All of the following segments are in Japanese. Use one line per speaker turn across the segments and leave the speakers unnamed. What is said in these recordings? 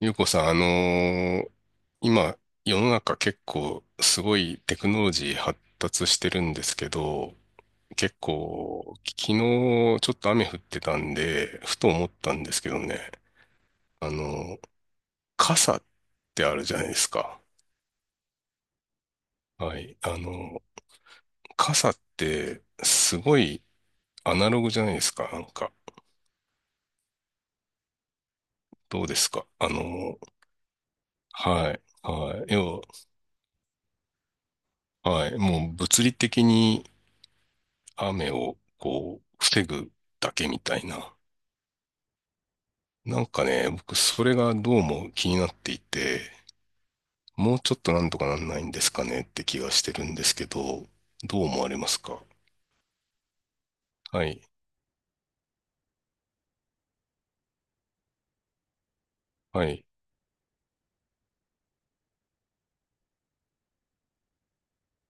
ゆうこさん、今、世の中結構すごいテクノロジー発達してるんですけど、結構、昨日ちょっと雨降ってたんで、ふと思ったんですけどね、あのー傘ってあるじゃないですか。はい。ー傘ってすごいアナログじゃないですか、なんか。どうですかーはい。はい。要は、はい。もう物理的に雨をこう、防ぐだけみたいな。なんかね、僕それがどうも気になっていて、もうちょっとなんとかなんないんですかねって気がしてるんですけど、どう思われますか？はい、はい、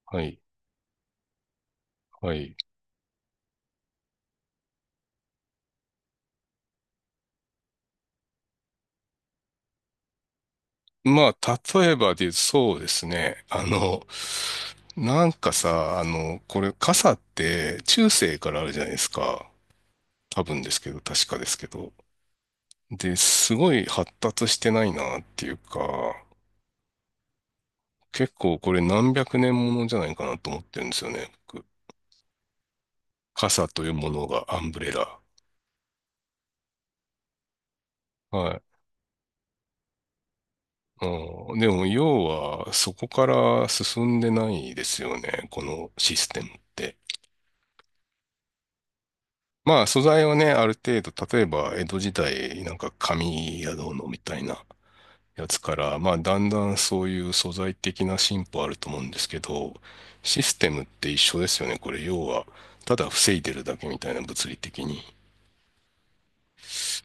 はい、はい。まあ、例えばで、そうですね。あの、なんかさ、あの、これ傘って中世からあるじゃないですか。多分ですけど、確かですけど。で、すごい発達してないなっていうか、結構これ何百年ものじゃないかなと思ってるんですよね、僕。傘というものがアンブレラ。はい。うん、でも要はそこから進んでないですよね、このシステムって。まあ素材はね、ある程度、例えば江戸時代なんか紙やどうのみたいなやつから、まあだんだんそういう素材的な進歩あると思うんですけど、システムって一緒ですよね、これ要は。ただ防いでるだけみたいな物理的に。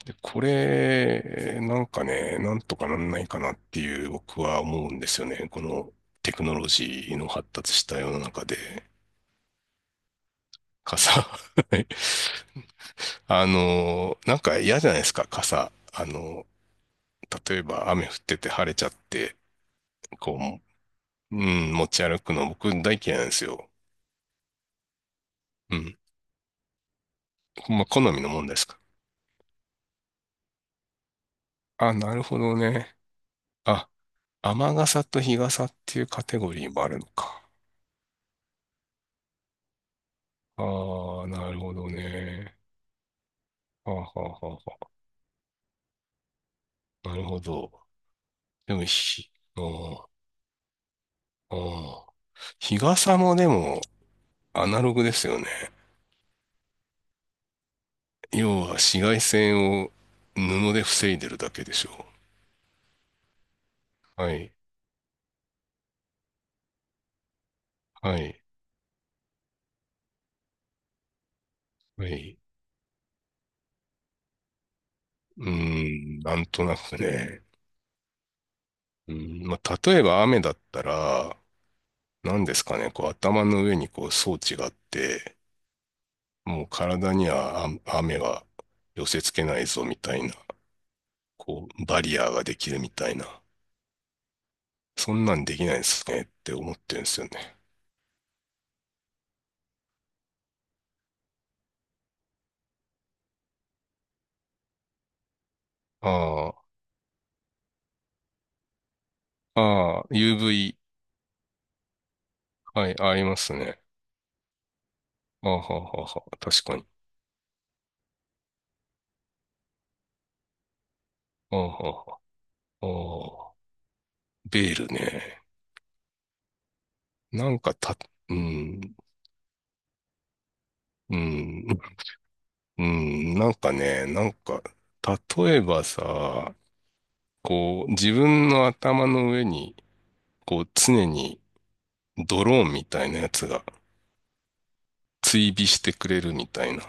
で、これ、なんかね、なんとかなんないかなっていう僕は思うんですよね。このテクノロジーの発達した世の中で、傘。はいあの、なんか嫌じゃないですか、傘。あの、例えば雨降ってて晴れちゃって、こう、うん、持ち歩くの僕大嫌いなんですよ。うん。まあ、好みのもんですか。あ、なるほどね。あ、雨傘と日傘っていうカテゴリーもあるのか。ああ、なるほどね。はあはあはなるほど。でも、ひ、うん、うん日傘もでも、アナログですよね。要は紫外線を布で防いでるだけでしょう。はい、はい、はい。うーん、なんとなくね。うん、まあ、例えば雨だったら、何ですかね、こう頭の上にこう装置があって、もう体にはあ雨は寄せ付けないぞみたいな、こうバリアーができるみたいな、そんなんできないですねって思ってるんですよね。ああ、ああ、UV、はい、ありますね。ああ、はあはあはあ確かに。ああ、はあはあああベールね。なんかた、うん、うん、うん、なんかね、なんか、例えばさ、こう、自分の頭の上に、こう、常にドローンみたいなやつが追尾してくれるみたいな。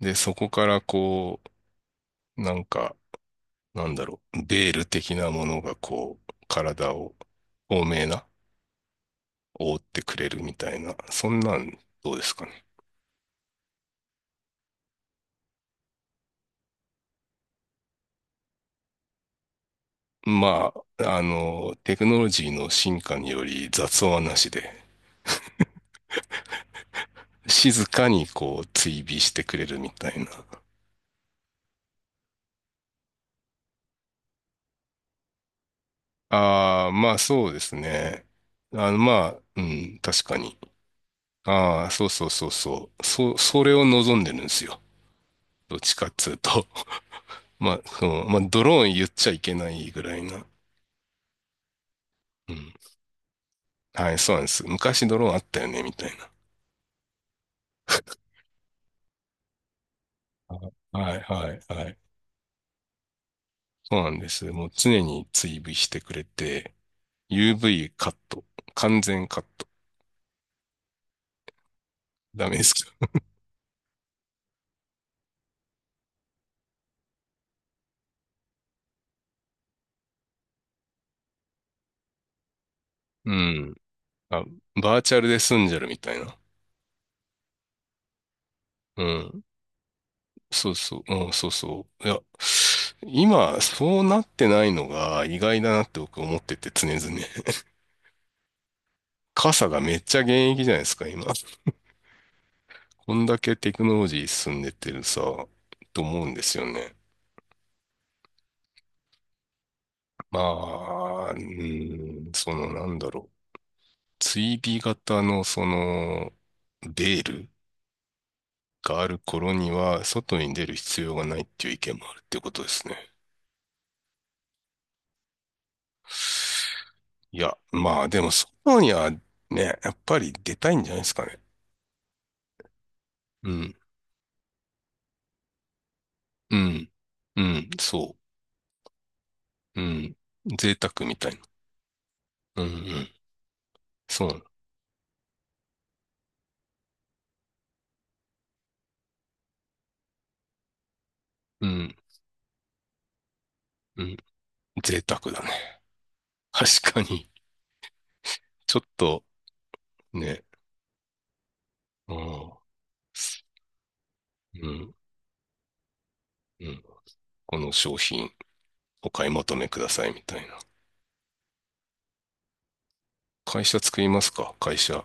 で、そこからこう、なんか、なんだろう、ベール的なものがこう、体を、透明な、覆ってくれるみたいな、そんなんどうですかね。まあ、あの、テクノロジーの進化により雑音はなしで、静かにこう追尾してくれるみたいな。ああ、まあそうですね。あの、まあ、うん、確かに。ああ、そうそうそうそう。そ、それを望んでるんですよ。どっちかっつうと。まあ、その、まあ、ドローン言っちゃいけないぐらいな。うん。はい、そうなんです。昔ドローンあったよね、みたいな。はい、はい、はい。そうなんです。もう常に追尾してくれて、UV カット、完全カット。ダメですか？うん。あ、バーチャルで済んじゃるみたいな。うん。そうそう、うん、そうそう。いや、今、そうなってないのが意外だなって僕思ってて常々。傘がめっちゃ現役じゃないですか、今。こんだけテクノロジー進んでってるさ、と思うんですよね。まあ、うん、そのなんだろう。追尾型のその、ベールがある頃には、外に出る必要がないっていう意見もあるっていうことですね。いや、まあでも、外にはね、やっぱり出たいんじゃないですかね。うん、うん、うん、そう、うん、贅沢みたいな。うん、うん、そうなの、うん、うん、贅沢だね。確かに、ちょっとね、うん、うん、うん、この商品お買い求めくださいみたいな。会社作りますか、会社。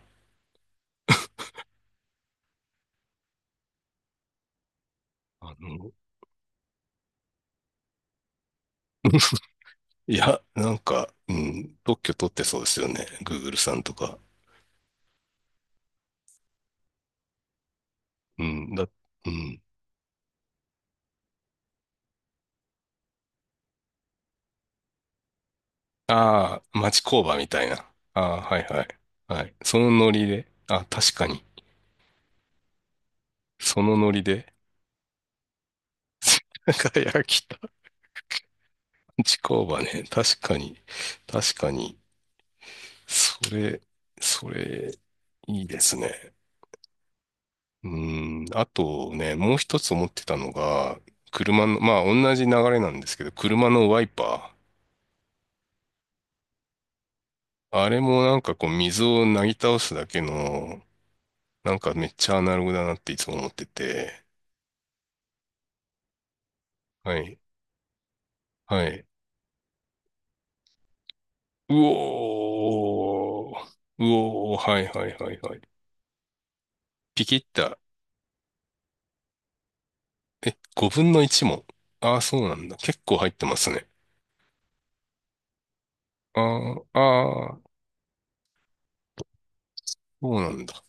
あの、いや、なんか、うん、特許取ってそうですよね。Google さんとか。うん、だ、うん。ああ、町工場みたいな。ああ、はいはい。はい。そのノリで。あ、確かに。そのノリで。輝きた町工場ね。確かに。確かに。それ、それ、いいですね。うん、あとね、もう一つ思ってたのが、車の、まあ同じ流れなんですけど、車のワイパー。あれもなんかこう水をなぎ倒すだけの、なんかめっちゃアナログだなっていつも思ってて。はい。はい。うおー。うおー。はいはいはいはい。ピキッた。え、5分の1も？ああ、そうなんだ。結構入ってますね。ああ、ああ、そうなんだ。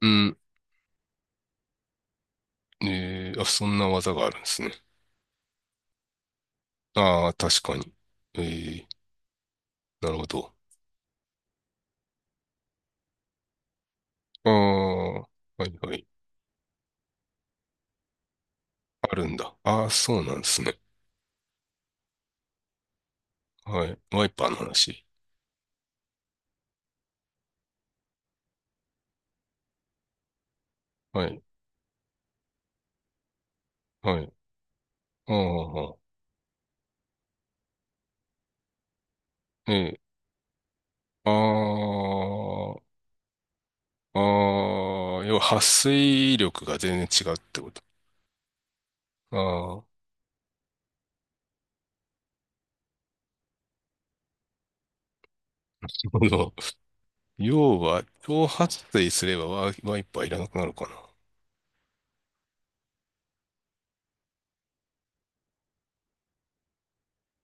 うん。えー、あ、そんな技があるんですね。ああ、確かに。ええ、なるほど。ああ、はいはい。あるんだ。ああ、そうなんですね。はい。ワイパーの話。はい。はい。ああ、ええ、ああ、ああ、要は、撥水力が全然違うってこと？ああ、なるほど。要は、超撥水すればワイ、ワイパーいらなくなるか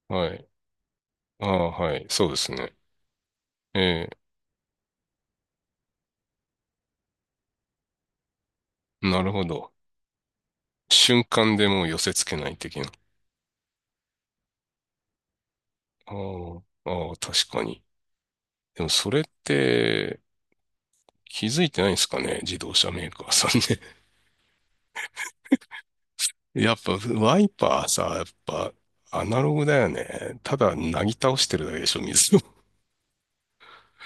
な。はい。ああ、はい。そうですね。ええ、なるほど。瞬間でもう寄せ付けない的な。ああ、ああ、確かに。でもそれって気づいてないんですかね、自動車メーカーさんね。やっぱワイパーさ、やっぱアナログだよね。ただなぎ倒してるだけでしょ、水を。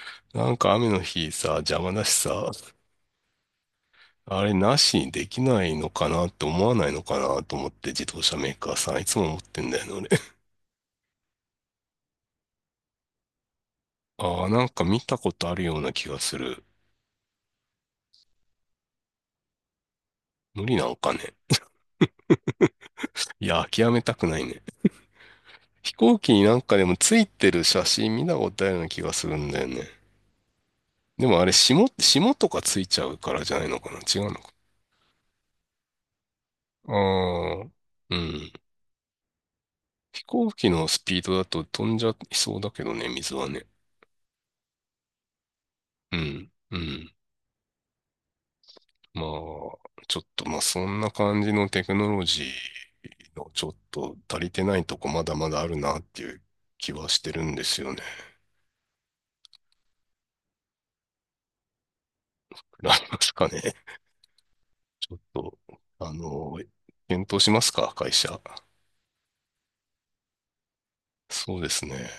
なんか雨の日さ、邪魔だしさ、あれなしにできないのかなって思わないのかなと思って自動車メーカーさんいつも思ってんだよね、俺。ああ、なんか見たことあるような気がする。無理なんかね。いや、諦めたくないね。飛行機になんかでもついてる写真見たことあるような気がするんだよね。でもあれ、霜とかついちゃうからじゃないのかな違うのかなああうん。飛行機のスピードだと飛んじゃいそうだけどね、水はね。うん、うん。まあ、ちょっと、まあ、そんな感じのテクノロジーのちょっと足りてないとこまだまだあるなっていう気はしてるんですよね。ありますかね。ちょっと、あの、検討しますか、会社。そうですね。